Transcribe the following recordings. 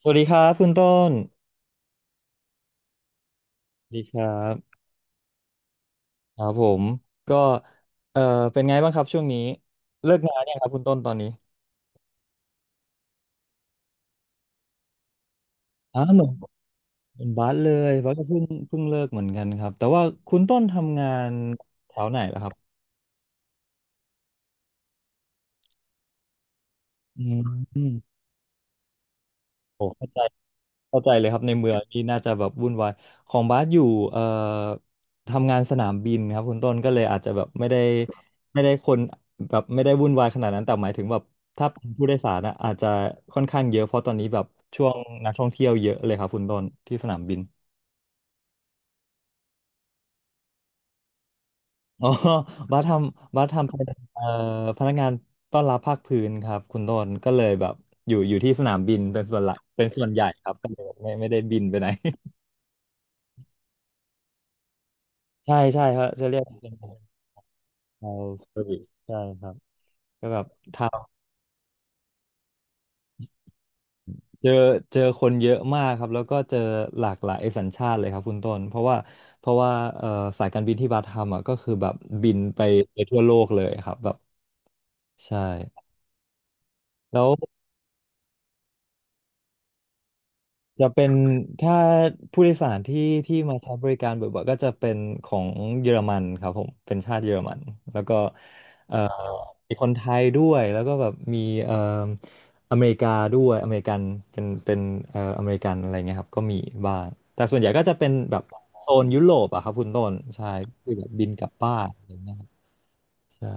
สวัสดีครับคุณต้น สวัสดีครับครับผมก็เออเป็นไงบ้างครับช่วงนี้เลิกงานเนี่ยงครับคุณต้นตอนนี้อ๋อเหมือนบาสเลยบาสก็เพิ่งเลิกเหมือนกันครับแต่ว่าคุณต้นทำงานแถวไหนล่ะครับอืมโอ้เข้าใจ เข้าใจเลยครับในเมืองนี่น่าจะแบบวุ่นวายของบาสอยู่เอ่อทำงานสนามบินครับคุณต้นก็เลยอาจจะแบบไม่ได้คนแบบไม่ได้วุ่นวายขนาดนั้นแต่หมายถึงแบบถ้าเป็นผู้โดยสารนะอาจจะค่อนข้างเยอะเพราะตอนนี้แบบช่วงนักท่องเที่ยวเยอะเลยครับคุณต้นที่สนามบินอ๋อบาสทำเป็นเอ่อพนักงานต้อนรับภาคพื้นครับคุณต้นก็เลยแบบอยู่อยู่ที่สนามบินเป็นส่วนหลักเป็นส่วนใหญ่ครับก็เลยบไม่ได้บินไปไหน ใช่ใช่ครับจะเรียกเป็น ไทยเซอร์วิสใช่ครับก็แบบทำเจอเจอคนเยอะมากครับแล้วก็เจอหลากหลายสัญชาติเลยครับคุณต้นเพราะว่าเอ่อสายการบินที่บาทำอ่ะก็คือแบบบินไปไปทั่วโลกเลยครับแบบใช่แล้ว จะเป็นถ้าผู้โดยสารที่ที่มาใช้บริการบ่อยๆก็จะเป็นของเยอรมันครับผมเป็นชาติเยอรมันแล้วก็เอ่อมีคนไทยด้วยแล้วก็แบบมีเอ่ออเมริกาด้วยอเมริกันเป็นอเมริกันอะไรเงี้ยครับก็มีบ้างแต่ส่วนใหญ่ก็จะเป็นแบบโซนยุโรปอะครับคุณต้นใช่คือแบบบินกลับบ้านอะไรเงี้ยครับใช่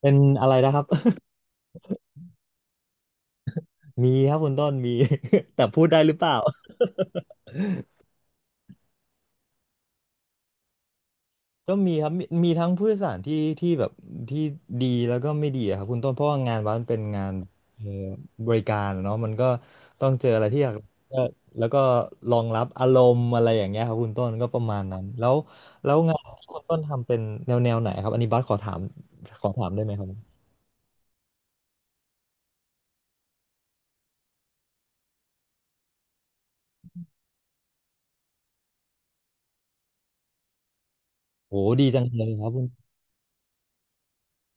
เป็นอะไรนะครับ มีครับคุณต้นมี แต่พูดได้หรือเปล่า ก็มีครับมีทั้งผู้โดยสารที่แบบที่ดีแล้วก็ไม่ดีอะครับคุณต้นเพราะว่างานวัดมันเป็นงานเอ่อบริการอะเนาะมันก็ต้องเจออะไรที่อยากก็แล้วก็รองรับอารมณ์อะไรอย่างเงี้ยครับคุณต้นก็ประมาณนั้นแล้วแล้วงานที่คุณต้นทำเป็นแนวแนวไหนครับอันนี้บัสขอถามได้ไหมครับโอ้ดีจังเลยครับคุณ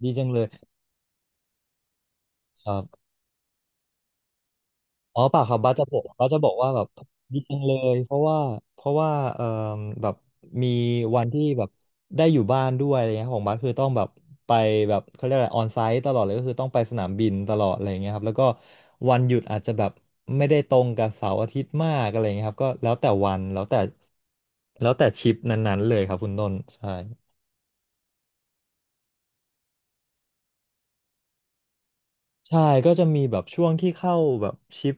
ดีจังเลยครับ อ๋อเปล่าครับบ้าสจะบอกว่าแบบดีจังเลยเพราะว่าเอ่อแบบมีวันที่แบบได้อยู่บ้านด้วยอะไรเงี้ยของบ้าสคือต้องแบบไปแบบเขาเรียกอะไรออนไซต์ตลอดเลยก็คือต้องไปสนามบินตลอดอะไรเงี้ยครับแล้วก็วันหยุดอาจจะแบบไม่ได้ตรงกับเสาร์อาทิตย์มากอะไรเงี้ยครับก็แล้วแต่วันแล้วแต่ชิปนั้นๆเลยครับคุณต้นใช่ ใช่ก็จะมีแบบช่วงที่เข้าแบบชิป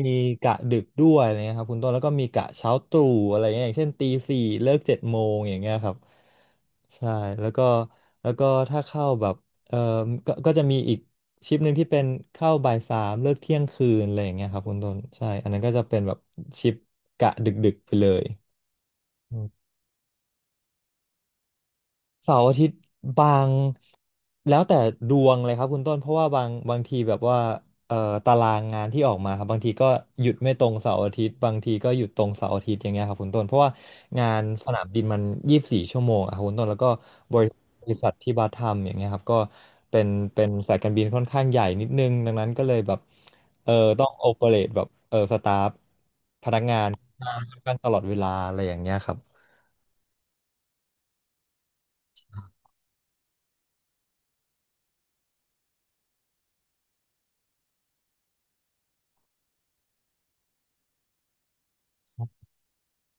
มีกะดึกด้วยอะไรเงี้ยครับคุณต้นแล้วก็มีกะเช้าตรู่อะไรเงี้ยอย่างเช่นตีสี่เลิกเจ็ดโมงอย่างเงี้ยครับใช่แล้วก็แล้วก็ถ้าเข้าแบบเออก็ก็จะมีอีกชิปหนึ่งที่เป็นเข้าบ่ายสามเลิกเที่ยงคืนอะไรอย่างเงี้ยครับคุณต้นใช่อันนั้นก็จะเป็นแบบชิปกะดึกๆไปเลย เสาร์อาทิตย์บางแล้วแต่ดวงเลยครับคุณต้นเพราะว่าบางทีแบบว่าเอ่อตารางงานที่ออกมาครับบางทีก็หยุดไม่ตรงเสาร์อาทิตย์บางทีก็หยุดตรงเสาร์อาทิตย์อย่างเงี้ยครับคุณต้นเพราะว่างานสนามบินมัน24 ชั่วโมงอะครับคุณต้นแล้วก็บริบริษัทที่บาทำอย่างเงี้ยครับก็เป็นเป็นสายการบินค่อนข้างใหญ่นิดนึงดังนั้นก็เลยแบบเออต้องโอเปเรตแบบสตาฟงานค่อนข้างตลอดเวลาอะไรอย่างเงี้ยครับ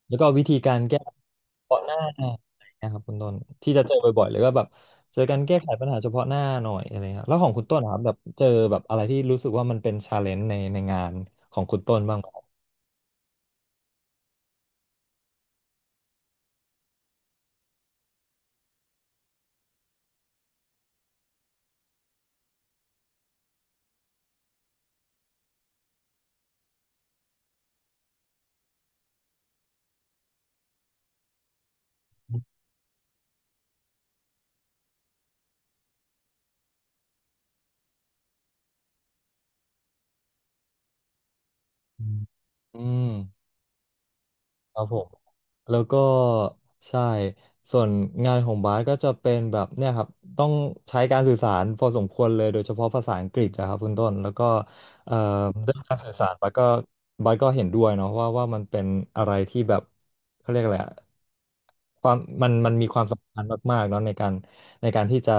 แล้วก็วิธีการแก้เฉพาะหน้าอะไรนะครับคุณต้นที่จะเจอบ่อยๆเลยก็แบบเจอการแก้ไขปัญหาเฉพาะหน้าหน่อยอะไรเงี้ยแล้วของคุณต้นนะครับแบบเจอแบบอะไรที่รู้สึกว่ามันเป็นชาเลนจ์ในงานของคุณต้นบ้างไหมอืม ครับผมแล้วก็ใช่ส่วนงานของบาสก็จะเป็นแบบเนี่ยครับต้องใช้การสื่อสารพอสมควรเลยโดยเฉพาะภาษาอังกฤษนะครับคุณต้นแล้วก็เอ่อเรื่องการสื่อสารบาสก็บาสก็เห็นด้วยเนาะว่ามันเป็นอะไรที่แบบเขาเรียกอะไรอะความมันมีความสำคัญมากๆเนาะในการในการที่จะ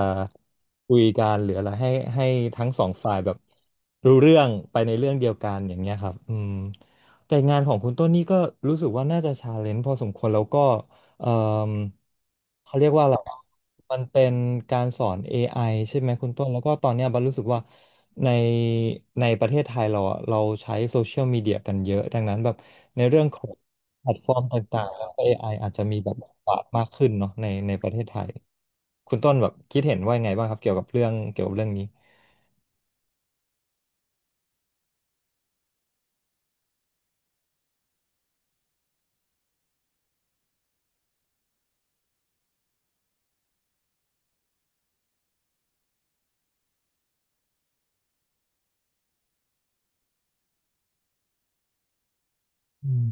คุยกันหรืออะไรให้ให้ทั้งสองฝ่ายแบบรู้เรื่องไปในเรื่องเดียวกันอย่างเงี้ยครับอืม แต่งานของคุณต้นนี่ก็รู้สึกว่าน่าจะชาเลนจ์พอสมควรแล้วก็เอ่มเขาเรียกว่าอะไรอะมันเป็นการสอน AI ใช่ไหมคุณต้นแล้วก็ตอนเนี้ยบันรู้สึกว่าในประเทศไทยเราอะเราใช้โซเชียลมีเดียกันเยอะดังนั้นแบบในเรื่องของแพลตฟอร์มต่างๆแล้วก็ AI อไออาจจะมีแบบบทบาทมากขึ้นเนาะในประเทศไทยคุณต้นแบบคิดเห็นว่ายังไงบ้างครับเกี่ยวกับเรื่องนี้อืม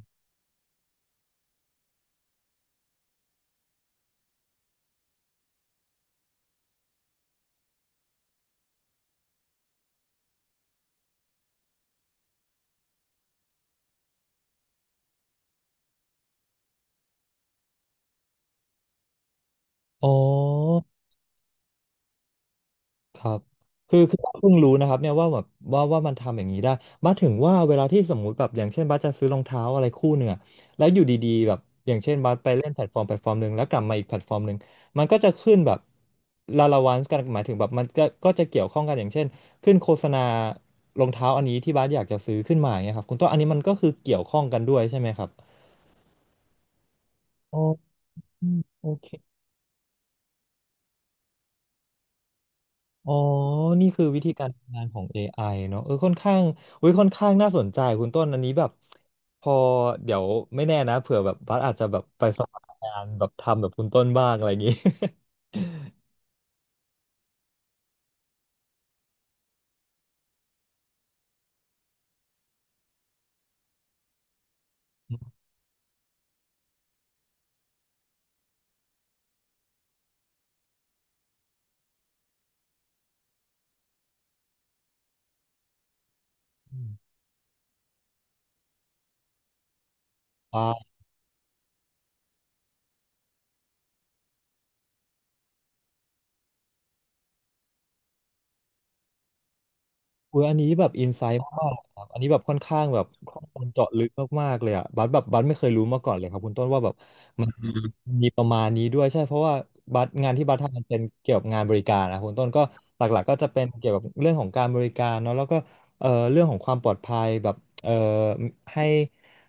อ๋อ ครับคือบ้าเพิ่งรู้นะครับเนี่ยว่าแบบว่ามันทำอย่างนี้ได้บ้าถึงว่าเวลาที่สมมุติแบบอย่างเช่นบ้าจะซื้อรองเท้าอะไรคู่หนึ่งอะแล้วอยู่ดีๆแบบอย่างเช่นบ้าไปเล่นแพลตฟอร์มหนึ่งแล้วกลับมาอีกแพลตฟอร์มหนึ่งมันก็จะขึ้นแบบลาลาวันส์กันหมายถึงแบบมันก็จะเกี่ยวข้องกันอย่างเช่นขึ้นโฆษณารองเท้าอันนี้ที่บ้าอยากจะซื้อขึ้นมาอย่างเงี้ยครับคุณต้นอันนี้มันก็คือเกี่ยวข้องกันด้วยใช่ไหมครับอ๋อโอเค อ๋อ นี่คือวิธีการทำงานของ AI เนอะเออค่อนข้างอุ้ยค่อนข้างน่าสนใจคุณต้นอันนี้แบบพอเดี๋ยวไม่แน่นะเผื่อแบบบัสอาจจะแบบไปสมัครงานแบบทำแบบคุณต้นบ้างอะไรอย่างงี้ อืมอ่าอุ้ยอันนี้แบบอินไซต์มากๆเลยครับอันนี้แบบค่อนข้างแบบข้อมูลเจาะลึกมากๆเลยอ่ะบัสแบบบัสไม่เคยรู้มาก่อนเลยครับคุณต้นว่าแบบ มีประมาณนี้ด้วยใช่เพราะว่าบัตรงานที่บัตทำมันเป็นเกี่ยวกับงานบริการนะคุณต้นก็หลักๆก็จะเป็นเกี่ยวกับเรื่องของการบริการเนาะแล้วก็เรื่องของความปลอดภัยแบบเอ่อให้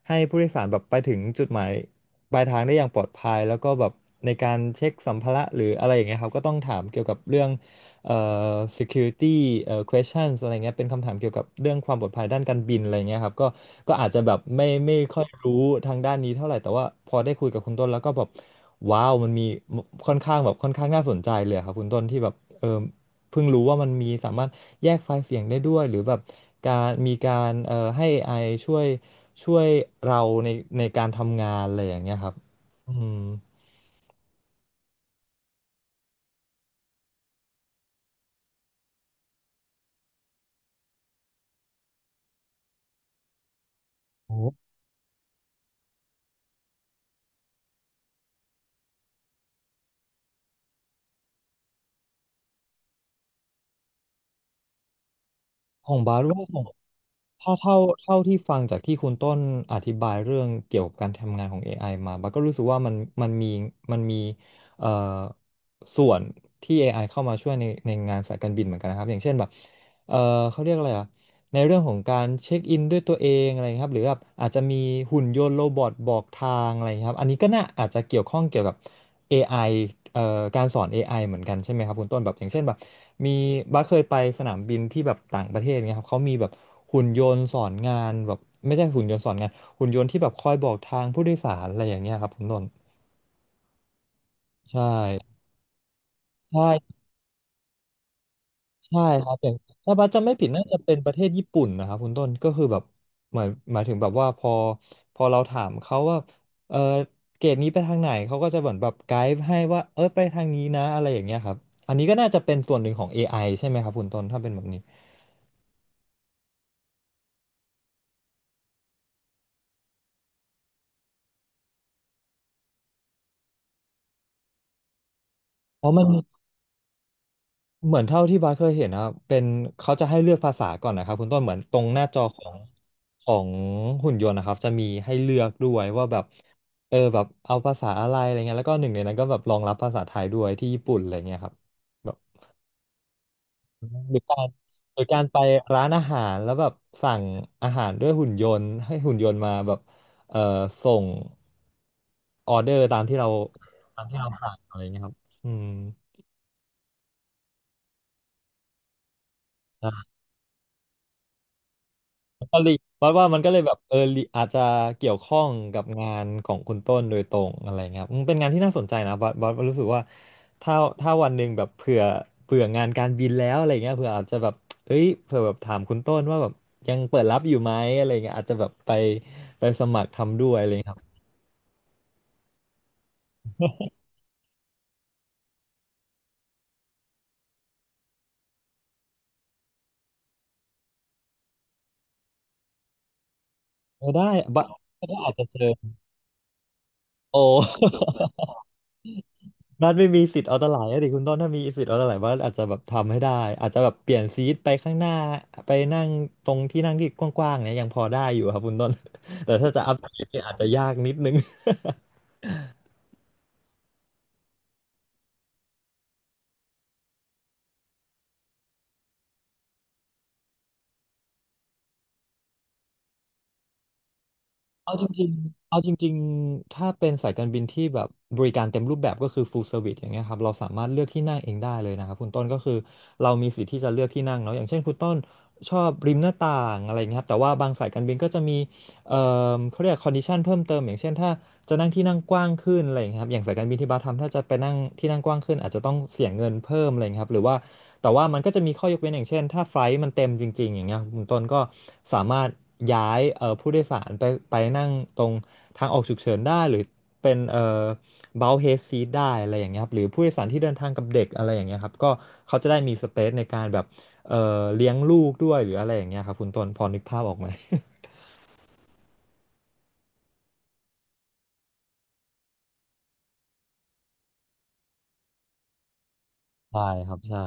ให้ผู้โดยสารแบบไปถึงจุดหมายปลายทางได้อย่างปลอดภัยแล้วก็แบบในการเช็คสัมภาระหรืออะไรอย่างเงี้ยครับก็ต้องถามเกี่ยวกับเรื่อง เอ่อ security questions อะไรเงี้ยเป็นคำถามเกี่ยวกับเรื่องความปลอดภัยด้านการบินอะไรเงี้ยครับก็อาจจะแบบไม่ค่อยรู้ทางด้านนี้เท่าไหร่ แต่ว่าพอได้คุยกับคุณต้นแล้วก็แบบว้าวมันมีค่อนข้างแบบค่อนข้างน่าสนใจเลยครับคุณต้นที่แบบเออเพิ่งรู้ว่ามันมีสามารถแยกไฟล์เสียงได้ด้วยหรือแบบการมีการให้เอไ i ช่วยช่วยเราในการทำงานอะไรอย่างเงี้ยครับอืมโอ้ ของบาโรุผมถ้าเท่าที่ฟังจากที่คุณต้นอธิบายเรื่องเกี่ยวกับการทำงานของ AI มาบาก็รู้สึกว่ามันมันมีมันมีเอ่อส่วนที่ AI เข้ามาช่วยในงานสายการบินเหมือนกันนะครับอย่างเช่นแบบ เอ่อเขาเรียกอะไรอ่ะในเรื่องของการเช็คอินด้วยตัวเองอะไรครับหรือแบบอาจจะมีหุ่นยนต์โรบอทบอกทางอะไรครับอันนี้ก็น่าอาจจะเกี่ยวข้องเกี่ยวกับเอไอเอ่อการสอนเอไอเหมือนกันใช่ไหมครับคุณต้นแบบอย่างเช่นแบบมีบัสเคยไปสนามบินที่แบบต่างประเทศเนี่ยครับเขามีแบบหุ่นยนต์สอนงานแบบไม่ใช่หุ่นยนต์สอนงานหุ่นยนต์ที่แบบคอยบอกทางผู้โดยสารอะไรอย่างเงี้ยครับคุณต้นใช่ใช่ ใช่ครับอย่างถ้าบัสจำไม่ผิดน่าจะเป็นประเทศญี่ปุ่นนะครับคุณต้นก็คือแบบหมายหมายถึงแบบว่าพอพอเราถามเขาว่าเออเกรดนี้ไปทางไหนเขาก็จะเหมือนแบบไกด์ให้ว่าเออไปทางนี้นะอะไรอย่างเงี้ยครับอันนี้ก็น่าจะเป็นส่วนหนึ่งของ AI ใช่ไหมครับคุณต้นถ้าเป็นแบบนี้เพราะมัน เหมือนเท่าที่บาสเคยเห็นนะครับเป็นเขาจะให้เลือกภาษาก่อนนะครับคุณต้นเหมือนตรงหน้าจอของหุ่นยนต์นะครับจะมีให้เลือกด้วยว่าแบบเอาภาษาอะไรอะไรเงี้ยแล้วก็หนึ่งในนั้นก็แบบรองรับภาษาไทยด้วยที่ญี่ปุ่นอะไรเงี้ยครับแบบหรือการหรือการไปร้านอาหารแล้วแบบสั่งอาหารด้วยหุ่นยนต์ให้หุ่นยนต์มาแบบเออส่งออเดอร์ตามที่เราตามที่เราสั่งอะไรเงี้ยครับอืม ก็เลยว่ามันก็เลยแบบอาจจะเกี่ยวข้องกับงานของคุณต้นโดยตรงอะไรเงี้ยครับมันเป็นงานที่น่าสนใจนะบอสรู้สึกว่าถ้าถ้าวันหนึ่งแบบเผื่องานการบินแล้วอะไรเงี้ยเผื่ออาจจะแบบเอ้ยเผื่อแบบถามคุณต้นว่าแบบยังเปิดรับอยู่ไหมอะไรเงี้ยอาจจะแบบไปเออได้บอสก็อาจจะเจอโอ บ้านไม่มีสิทธิ์เอาตะไหลอะดิคุณต้นถ้ามีสิทธิ์เอาตะไหลบ้านอาจจะแบบทำให้ได้อาจจะแบบเปลี่ยนซีทไปข้างหน้าไปนั่งตรงที่นั่งที่กว้างๆเนี่ยยังพอได้อยู่ครับคุณต้น แต่ถ้าจะอัพเกรดเนี่ยอาจจะยากนิดนึง เอาจริงๆเอาจริงๆถ้าเป็นสายการบินที่แบบบริการเต็มรูปแบบก็คือ full service อย่างเงี้ยครับเราสามารถเลือกที่นั่งเองได้เลยนะครับคุณต้นก็คือเรามีสิทธิ์ที่จะเลือกที่นั่งเนาะอย่างเช่นคุณต้นชอบริมหน้าต่างอะไรเงี้ยครับแต่ว่าบางสายการบินก็จะมีเอ่เขาเรียก condition เพิ่มเติมอย่างเช่นถ้าจะนั่งที่นั่งกว้างขึ้นอะไรเงี้ยครับอย่างสายการบินที่บัสทำถ้าจะไปนั่งที่นั่งกว้างขึ้นอาจจะต้องเสียเงินเพิ่มอะไรเงี้ยครับหรือว่า แต่ว่ามันก็จะมีข้อยกเว้นอย่างเช่นถ้าไฟลท์มันเต็มจริงๆอย่างเงี้ยคุณต้นก็สามารถย้ายผู้โดยสารไปนั่งตรงทางออกฉุกเฉินได้หรือเป็นเบลเฮดซีทได้อะไรอย่างเงี้ยครับหรือผู้โดยสารที่เดินทางกับเด็กอะไรอย่างเงี้ยครับก็เขาจะได้มีสเปซในการแบบเลี้ยงลูกด้วยหรืออะไรอย่างเงี้ยครับคุณต้นพอนึกภาพออกไหม ใช่ครับใช่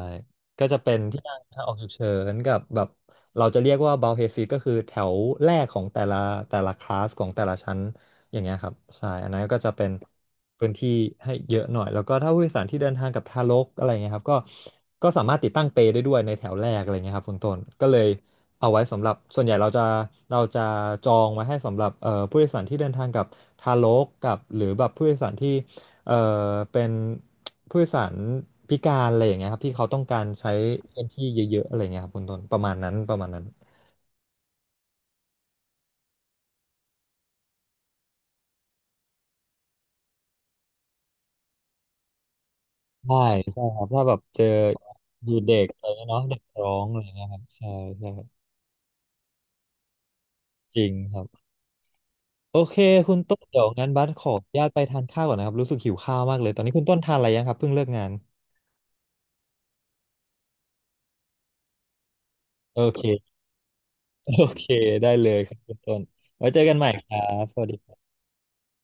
ก็จะเป็นที่นั่งทางออกฉุกเฉินกับแบบเราจะเรียกว่าบา l เฮซีก็คือแถวแรกของแต่ละแต่ละคลาสของแต่ละชั้นอย่างเงี้ยครับใช่อันนั้นก็จะเป็นพื้นที่ให้เยอะหน่อยแล้วก็ถ้าผู้โดยสารที่เดินทางกับทารกอะไรเงี้ยครับก็สามารถติดตั้งเปลได้ด้วยในแถวแรกอะไรเงี้ยครับคุณต้นก็เลยเอาไว้สำหรับส่วนใหญ่เราจะจองไว้ให้สำหรับผู้โดยสารที่เดินทางกับทารกกับหรือแบบผู้โดยสารที่เอ่อเป็น ผู้โดยสารพิการอะไรอย่างเงี้ยครับที่เขาต้องการใช้พื้นที่เยอะๆอะไรเงี้ยครับคุณต้นประมาณนั้นประมาณนั้นใช่ใช่ครับถ้าแบบเจอดูเด็กอะไรเงี้ยเนาะเด็กร้องอะไรเงี้ยครับใช่ใช่ครับจริงครับโอเคคุณต้นเดี๋ยวงั้นบัสขออนุญาตไปทานข้าวก่อนนะครับรู้สึกหิวข้าวมากเลยตอนนี้คุณต้นทานอะไรยังครับเพิ่งเลิกงานโอเคโอเคได้เลยครับคุณต้นไว้เจอกันใหม่ครับสวัสดี